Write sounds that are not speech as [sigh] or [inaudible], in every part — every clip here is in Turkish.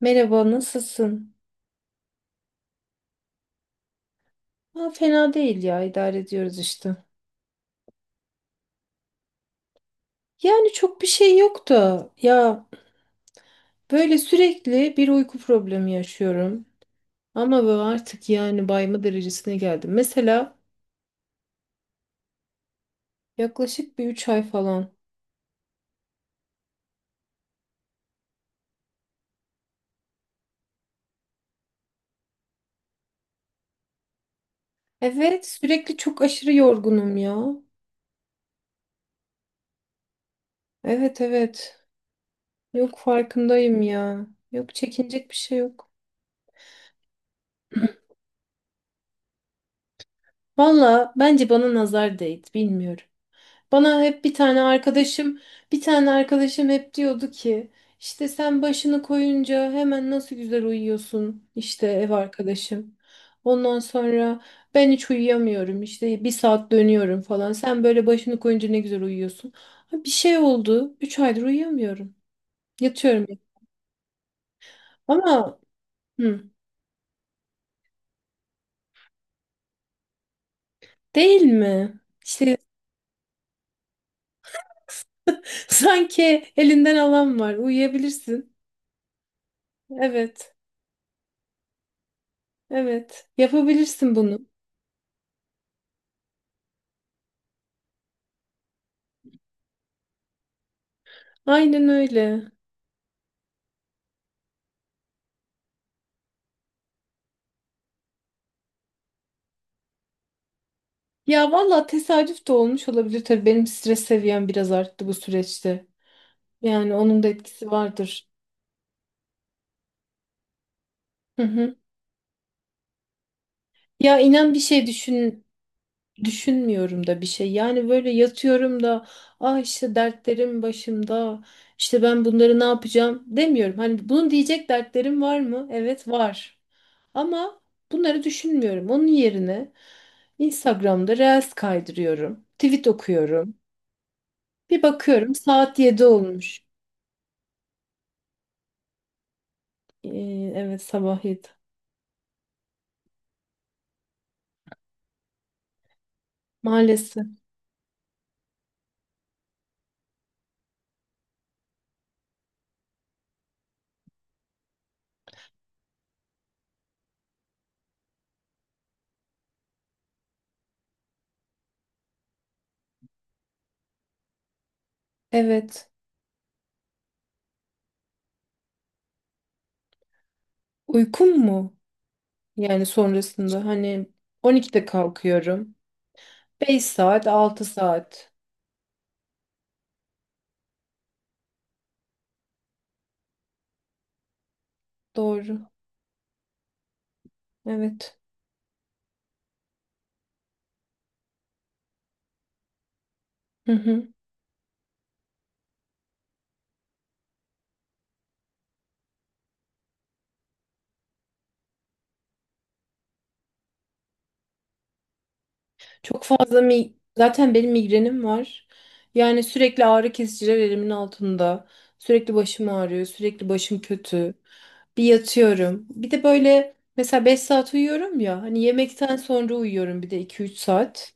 Merhaba, nasılsın? Ha, fena değil ya, idare ediyoruz işte. Yani çok bir şey yok da ya böyle sürekli bir uyku problemi yaşıyorum. Ama böyle artık yani bayma derecesine geldim. Mesela yaklaşık bir 3 ay falan. Evet, sürekli çok aşırı yorgunum ya. Evet evet. Yok farkındayım ya. Yok çekinecek bir şey yok. Valla bence bana nazar değdi, bilmiyorum. Bana hep bir tane arkadaşım, bir tane arkadaşım hep diyordu ki işte sen başını koyunca hemen nasıl güzel uyuyorsun işte ev arkadaşım. Ondan sonra ben hiç uyuyamıyorum işte bir saat dönüyorum falan. Sen böyle başını koyunca ne güzel uyuyorsun. Ha, bir şey oldu. 3 aydır uyuyamıyorum. Yatıyorum. Ama hı, değil mi? İşte [laughs] sanki elinden alan var. Uyuyabilirsin. Evet. Evet. Yapabilirsin bunu. Aynen öyle. Ya valla tesadüf de olmuş olabilir tabii, benim stres seviyem biraz arttı bu süreçte. Yani onun da etkisi vardır. Hı hı. Ya inan bir şey düşünmüyorum da bir şey. Yani böyle yatıyorum da ah işte dertlerim başımda. İşte ben bunları ne yapacağım demiyorum. Hani bunu diyecek dertlerim var mı? Evet var. Ama bunları düşünmüyorum. Onun yerine Instagram'da Reels kaydırıyorum. Tweet okuyorum. Bir bakıyorum saat 7 olmuş. Evet, sabah 7. Maalesef. Evet. Uykum mu? Yani sonrasında hani 12'de kalkıyorum. 5 saat, 6 saat. Doğru. Evet. Hı hı. Çok fazla mi zaten, benim migrenim var. Yani sürekli ağrı kesiciler elimin altında. Sürekli başım ağrıyor, sürekli başım kötü. Bir yatıyorum. Bir de böyle mesela 5 saat uyuyorum ya. Hani yemekten sonra uyuyorum bir de 2-3 saat.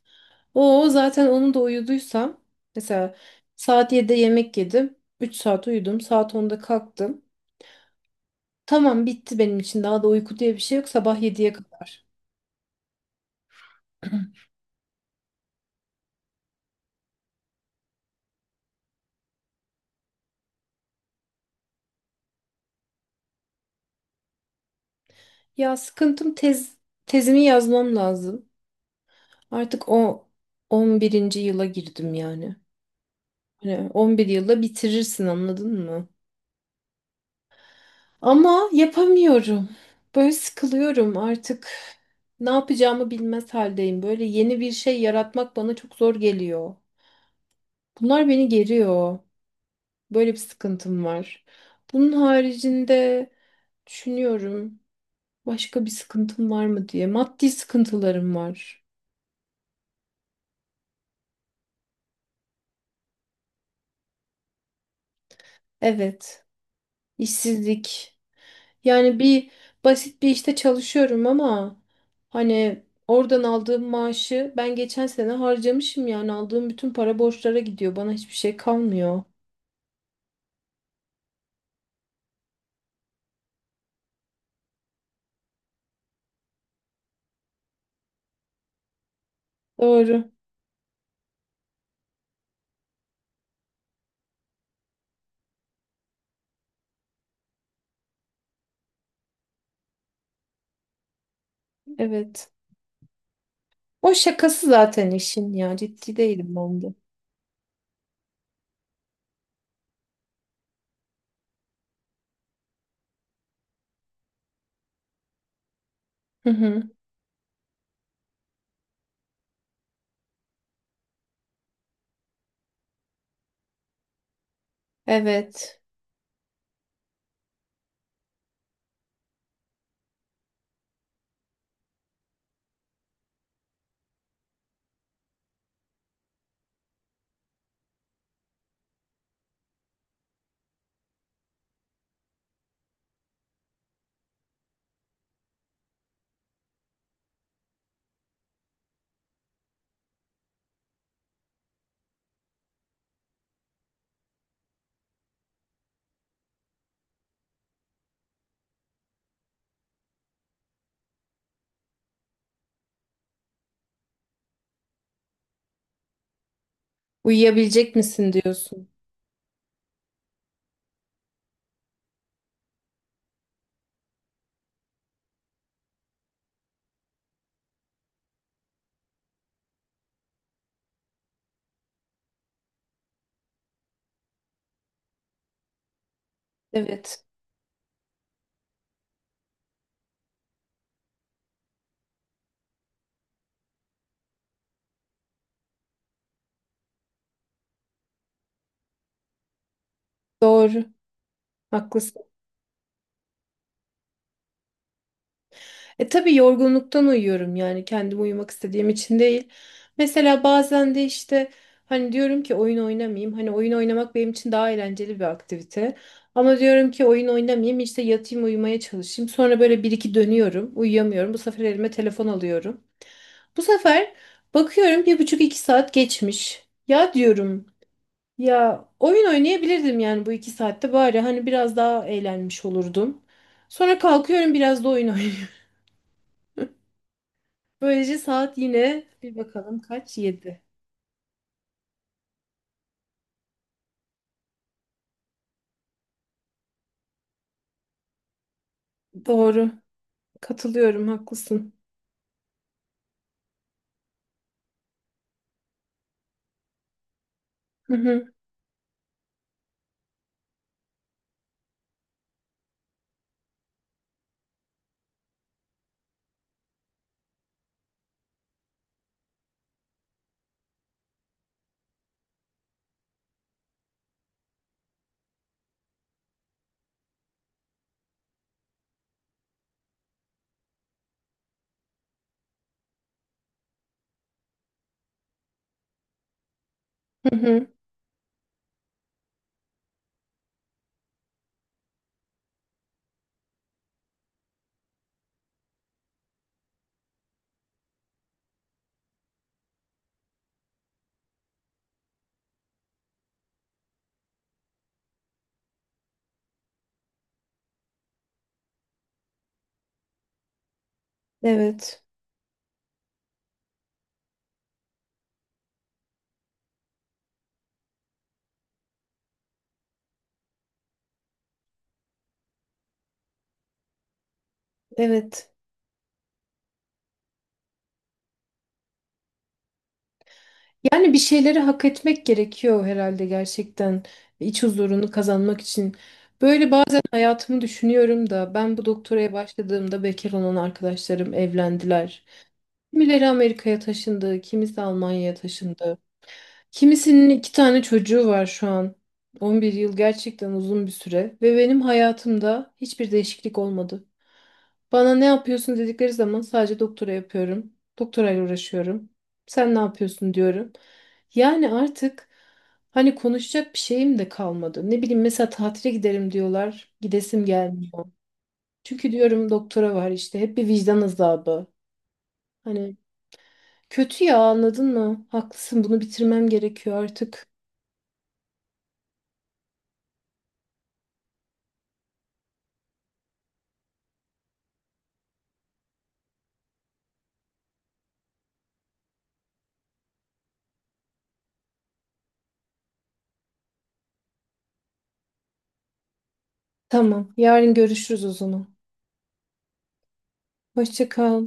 O zaten onu da uyuduysam mesela saat 7'de yemek yedim. 3 saat uyudum. Saat 10'da kalktım. Tamam, bitti benim için. Daha da uyku diye bir şey yok. Sabah 7'ye kadar. Ya sıkıntım, tezimi yazmam lazım. Artık o 11'inci yıla girdim yani. Hani 11 yılda bitirirsin, anladın mı? Ama yapamıyorum. Böyle sıkılıyorum artık. Ne yapacağımı bilmez haldeyim. Böyle yeni bir şey yaratmak bana çok zor geliyor. Bunlar beni geriyor. Böyle bir sıkıntım var. Bunun haricinde düşünüyorum, başka bir sıkıntım var mı diye. Maddi sıkıntılarım var. Evet, işsizlik. Yani bir basit bir işte çalışıyorum ama hani oradan aldığım maaşı ben geçen sene harcamışım, yani aldığım bütün para borçlara gidiyor. Bana hiçbir şey kalmıyor. Doğru. Evet. O şakası zaten işin ya. Ciddi değilim ben de. Hı hı. Evet. Uyuyabilecek misin diyorsun. Evet. Doğru, haklısın. E tabii yorgunluktan uyuyorum, yani kendim uyumak istediğim için değil. Mesela bazen de işte hani diyorum ki oyun oynamayayım. Hani oyun oynamak benim için daha eğlenceli bir aktivite. Ama diyorum ki oyun oynamayayım, işte yatayım, uyumaya çalışayım. Sonra böyle bir iki dönüyorum, uyuyamıyorum. Bu sefer elime telefon alıyorum. Bu sefer bakıyorum bir buçuk iki saat geçmiş. Ya diyorum, ya oyun oynayabilirdim yani, bu 2 saatte bari hani biraz daha eğlenmiş olurdum. Sonra kalkıyorum biraz da oyun oynuyorum. [laughs] Böylece saat yine bir bakalım, kaç? 7. Doğru. Katılıyorum, haklısın. Hı hı, hı hı. Evet. Evet. Yani bir şeyleri hak etmek gerekiyor herhalde, gerçekten iç huzurunu kazanmak için. Böyle bazen hayatımı düşünüyorum da, ben bu doktoraya başladığımda bekar olan arkadaşlarım evlendiler. Kimileri Amerika'ya taşındı, kimisi Almanya'ya taşındı. Kimisinin 2 tane çocuğu var şu an. 11 yıl gerçekten uzun bir süre ve benim hayatımda hiçbir değişiklik olmadı. Bana ne yapıyorsun dedikleri zaman sadece doktora yapıyorum. Doktorayla uğraşıyorum. Sen ne yapıyorsun diyorum. Yani artık hani konuşacak bir şeyim de kalmadı. Ne bileyim, mesela tatile giderim diyorlar. Gidesim gelmiyor. Çünkü diyorum doktora var işte, hep bir vicdan azabı. Hani kötü ya, anladın mı? Haklısın, bunu bitirmem gerekiyor artık. Tamam, yarın görüşürüz o zaman. Hoşça kal.